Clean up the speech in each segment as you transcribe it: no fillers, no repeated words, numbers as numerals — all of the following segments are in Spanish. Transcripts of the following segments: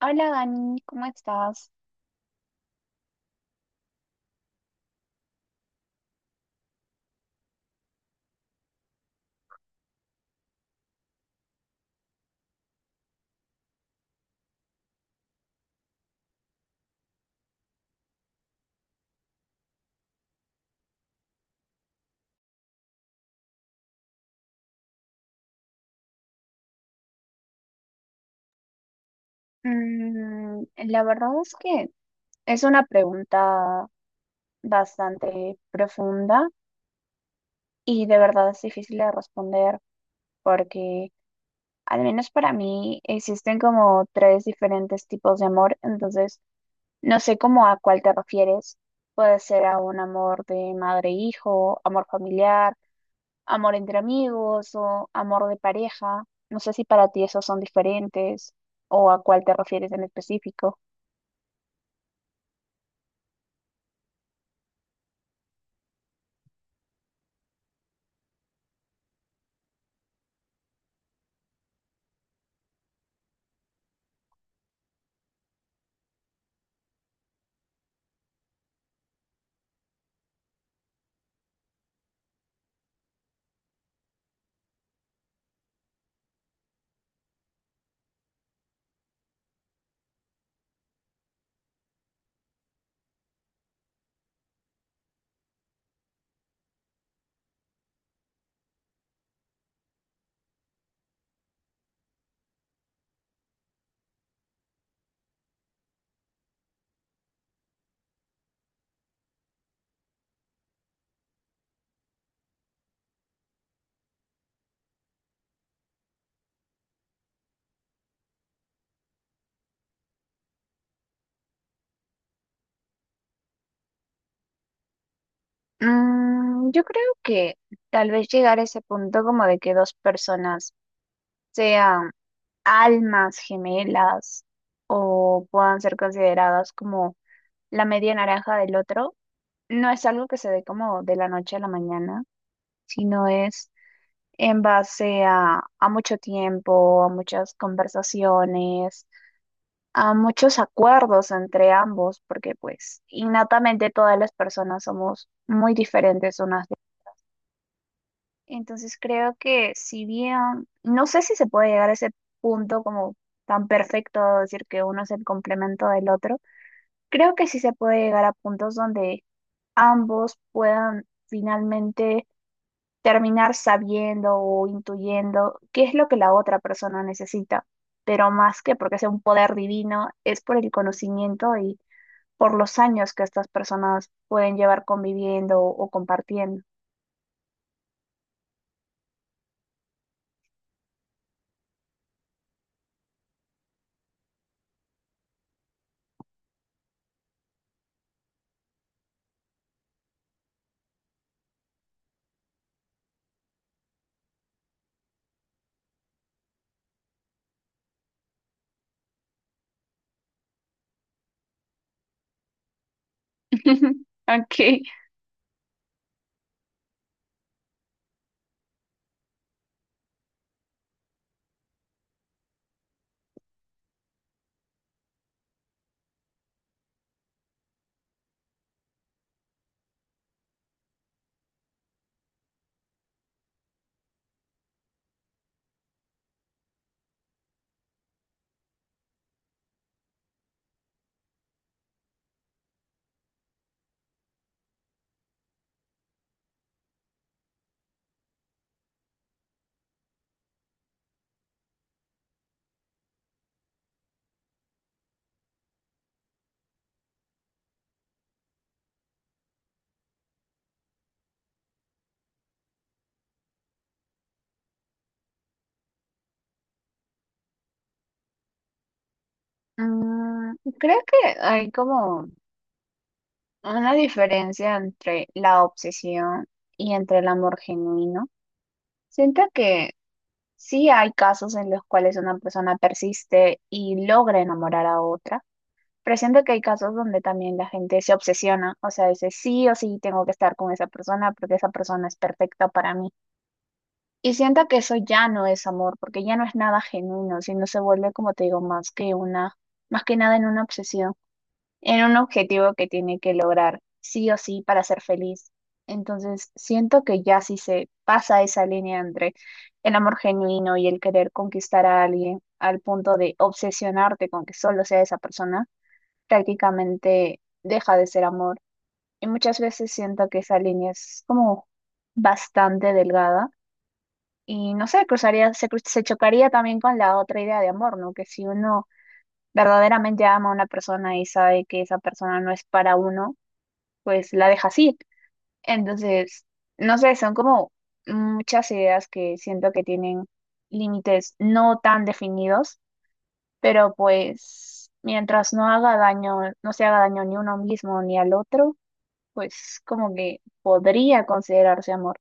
Hola Dani, ¿cómo estás? La verdad es que es una pregunta bastante profunda y de verdad es difícil de responder porque al menos para mí existen como tres diferentes tipos de amor, entonces no sé cómo a cuál te refieres. Puede ser a un amor de madre-hijo, amor familiar, amor entre amigos o amor de pareja. No sé si para ti esos son diferentes o a cuál te refieres en específico. Yo creo que tal vez llegar a ese punto como de que dos personas sean almas gemelas o puedan ser consideradas como la media naranja del otro, no es algo que se dé como de la noche a la mañana, sino es en base a mucho tiempo, a muchas conversaciones, a muchos acuerdos entre ambos, porque pues innatamente todas las personas somos muy diferentes unas. Entonces creo que si bien, no sé si se puede llegar a ese punto como tan perfecto, de decir que uno es el complemento del otro, creo que sí se puede llegar a puntos donde ambos puedan finalmente terminar sabiendo o intuyendo qué es lo que la otra persona necesita, pero más que porque sea un poder divino, es por el conocimiento y por los años que estas personas pueden llevar conviviendo o compartiendo. Ok. Mm, Creo que hay como una diferencia entre la obsesión y entre el amor genuino. Siento que sí hay casos en los cuales una persona persiste y logra enamorar a otra, pero siento que hay casos donde también la gente se obsesiona, o sea, dice sí o sí tengo que estar con esa persona porque esa persona es perfecta para mí. Y siento que eso ya no es amor, porque ya no es nada genuino, sino se vuelve, como te digo, más que nada en una obsesión, en un objetivo que tiene que lograr sí o sí para ser feliz. Entonces, siento que ya si se pasa esa línea entre el amor genuino y el querer conquistar a alguien al punto de obsesionarte con que solo sea esa persona, prácticamente deja de ser amor. Y muchas veces siento que esa línea es como bastante delgada y no sé, se chocaría también con la otra idea de amor, ¿no? Que si uno verdaderamente ama a una persona y sabe que esa persona no es para uno, pues la deja así. Entonces, no sé, son como muchas ideas que siento que tienen límites no tan definidos, pero pues mientras no haga daño, no se haga daño ni a uno mismo ni al otro, pues como que podría considerarse amor.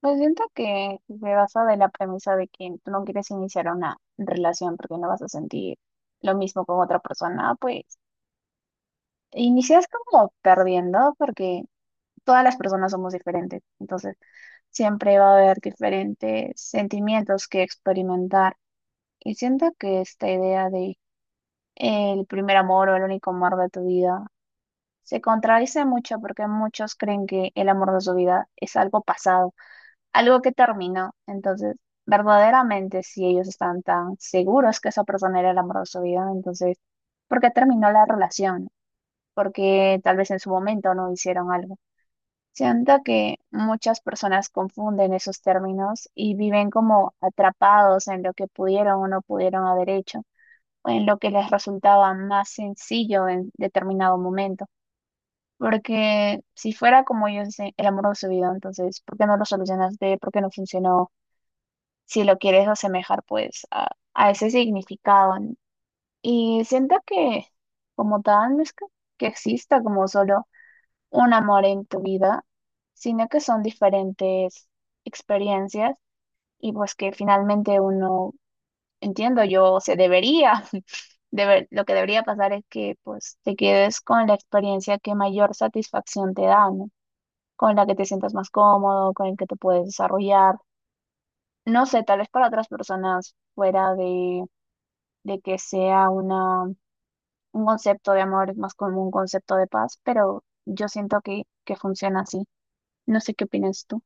Pues siento que se basa de la premisa de que tú no quieres iniciar una relación porque no vas a sentir lo mismo con otra persona, pues inicias como perdiendo porque todas las personas somos diferentes. Entonces, siempre va a haber diferentes sentimientos que experimentar. Y siento que esta idea de el primer amor o el único amor de tu vida se contradice mucho porque muchos creen que el amor de su vida es algo pasado, algo que terminó. Entonces, verdaderamente, si ellos están tan seguros que esa persona era el amor de su vida, entonces, ¿por qué terminó la relación? Porque tal vez en su momento no hicieron algo. Siento que muchas personas confunden esos términos y viven como atrapados en lo que pudieron o no pudieron haber hecho, o en lo que les resultaba más sencillo en determinado momento. Porque si fuera como yo dicen, el amor de su vida, entonces, ¿por qué no lo solucionaste? ¿Por qué no funcionó? Si lo quieres asemejar, pues, a ese significado, ¿no? Y siento que, como tal, no es que exista como solo un amor en tu vida, sino que son diferentes experiencias y pues que finalmente uno, entiendo yo, se debería, lo que debería pasar es que pues te quedes con la experiencia que mayor satisfacción te da, ¿no? Con la que te sientas más cómodo, con el que te puedes desarrollar. No sé, tal vez para otras personas fuera de que sea un concepto de amor es más como un concepto de paz, pero yo siento que funciona así. No sé qué opinas tú.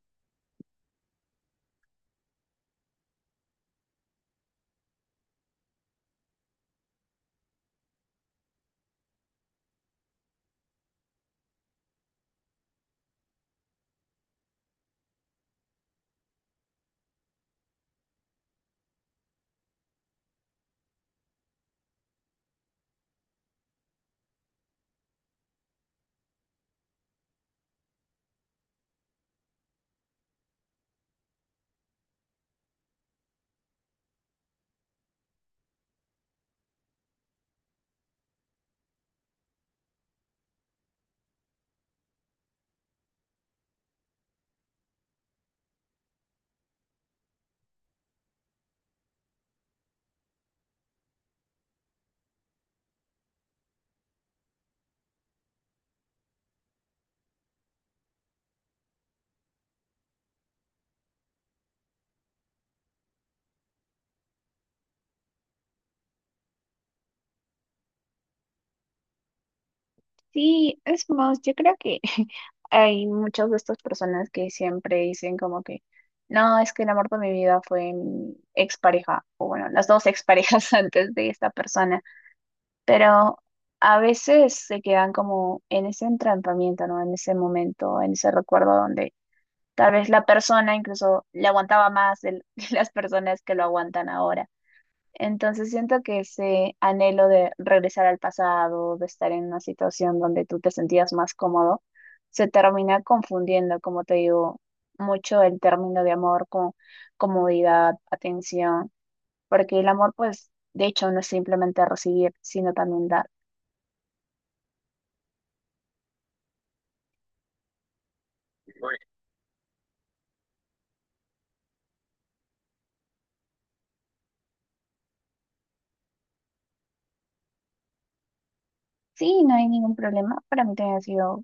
Sí, es más, yo creo que hay muchas de estas personas que siempre dicen como que, no, es que el amor de mi vida fue mi expareja, o bueno, las dos exparejas antes de esta persona, pero a veces se quedan como en ese entrampamiento, ¿no? En ese momento, en ese recuerdo donde tal vez la persona incluso le aguantaba más de las personas que lo aguantan ahora. Entonces siento que ese anhelo de regresar al pasado, de estar en una situación donde tú te sentías más cómodo, se termina confundiendo, como te digo, mucho el término de amor con comodidad, atención, porque el amor, pues, de hecho, no es simplemente recibir, sino también dar. Sí, no hay ningún problema. Para mí también ha sido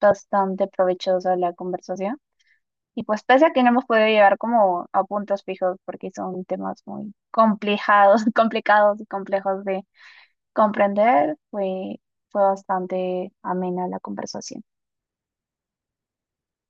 bastante provechosa la conversación. Y pues pese a que no hemos podido llegar como a puntos fijos porque son temas muy complicados, complicados y complejos de comprender, fue bastante amena la conversación.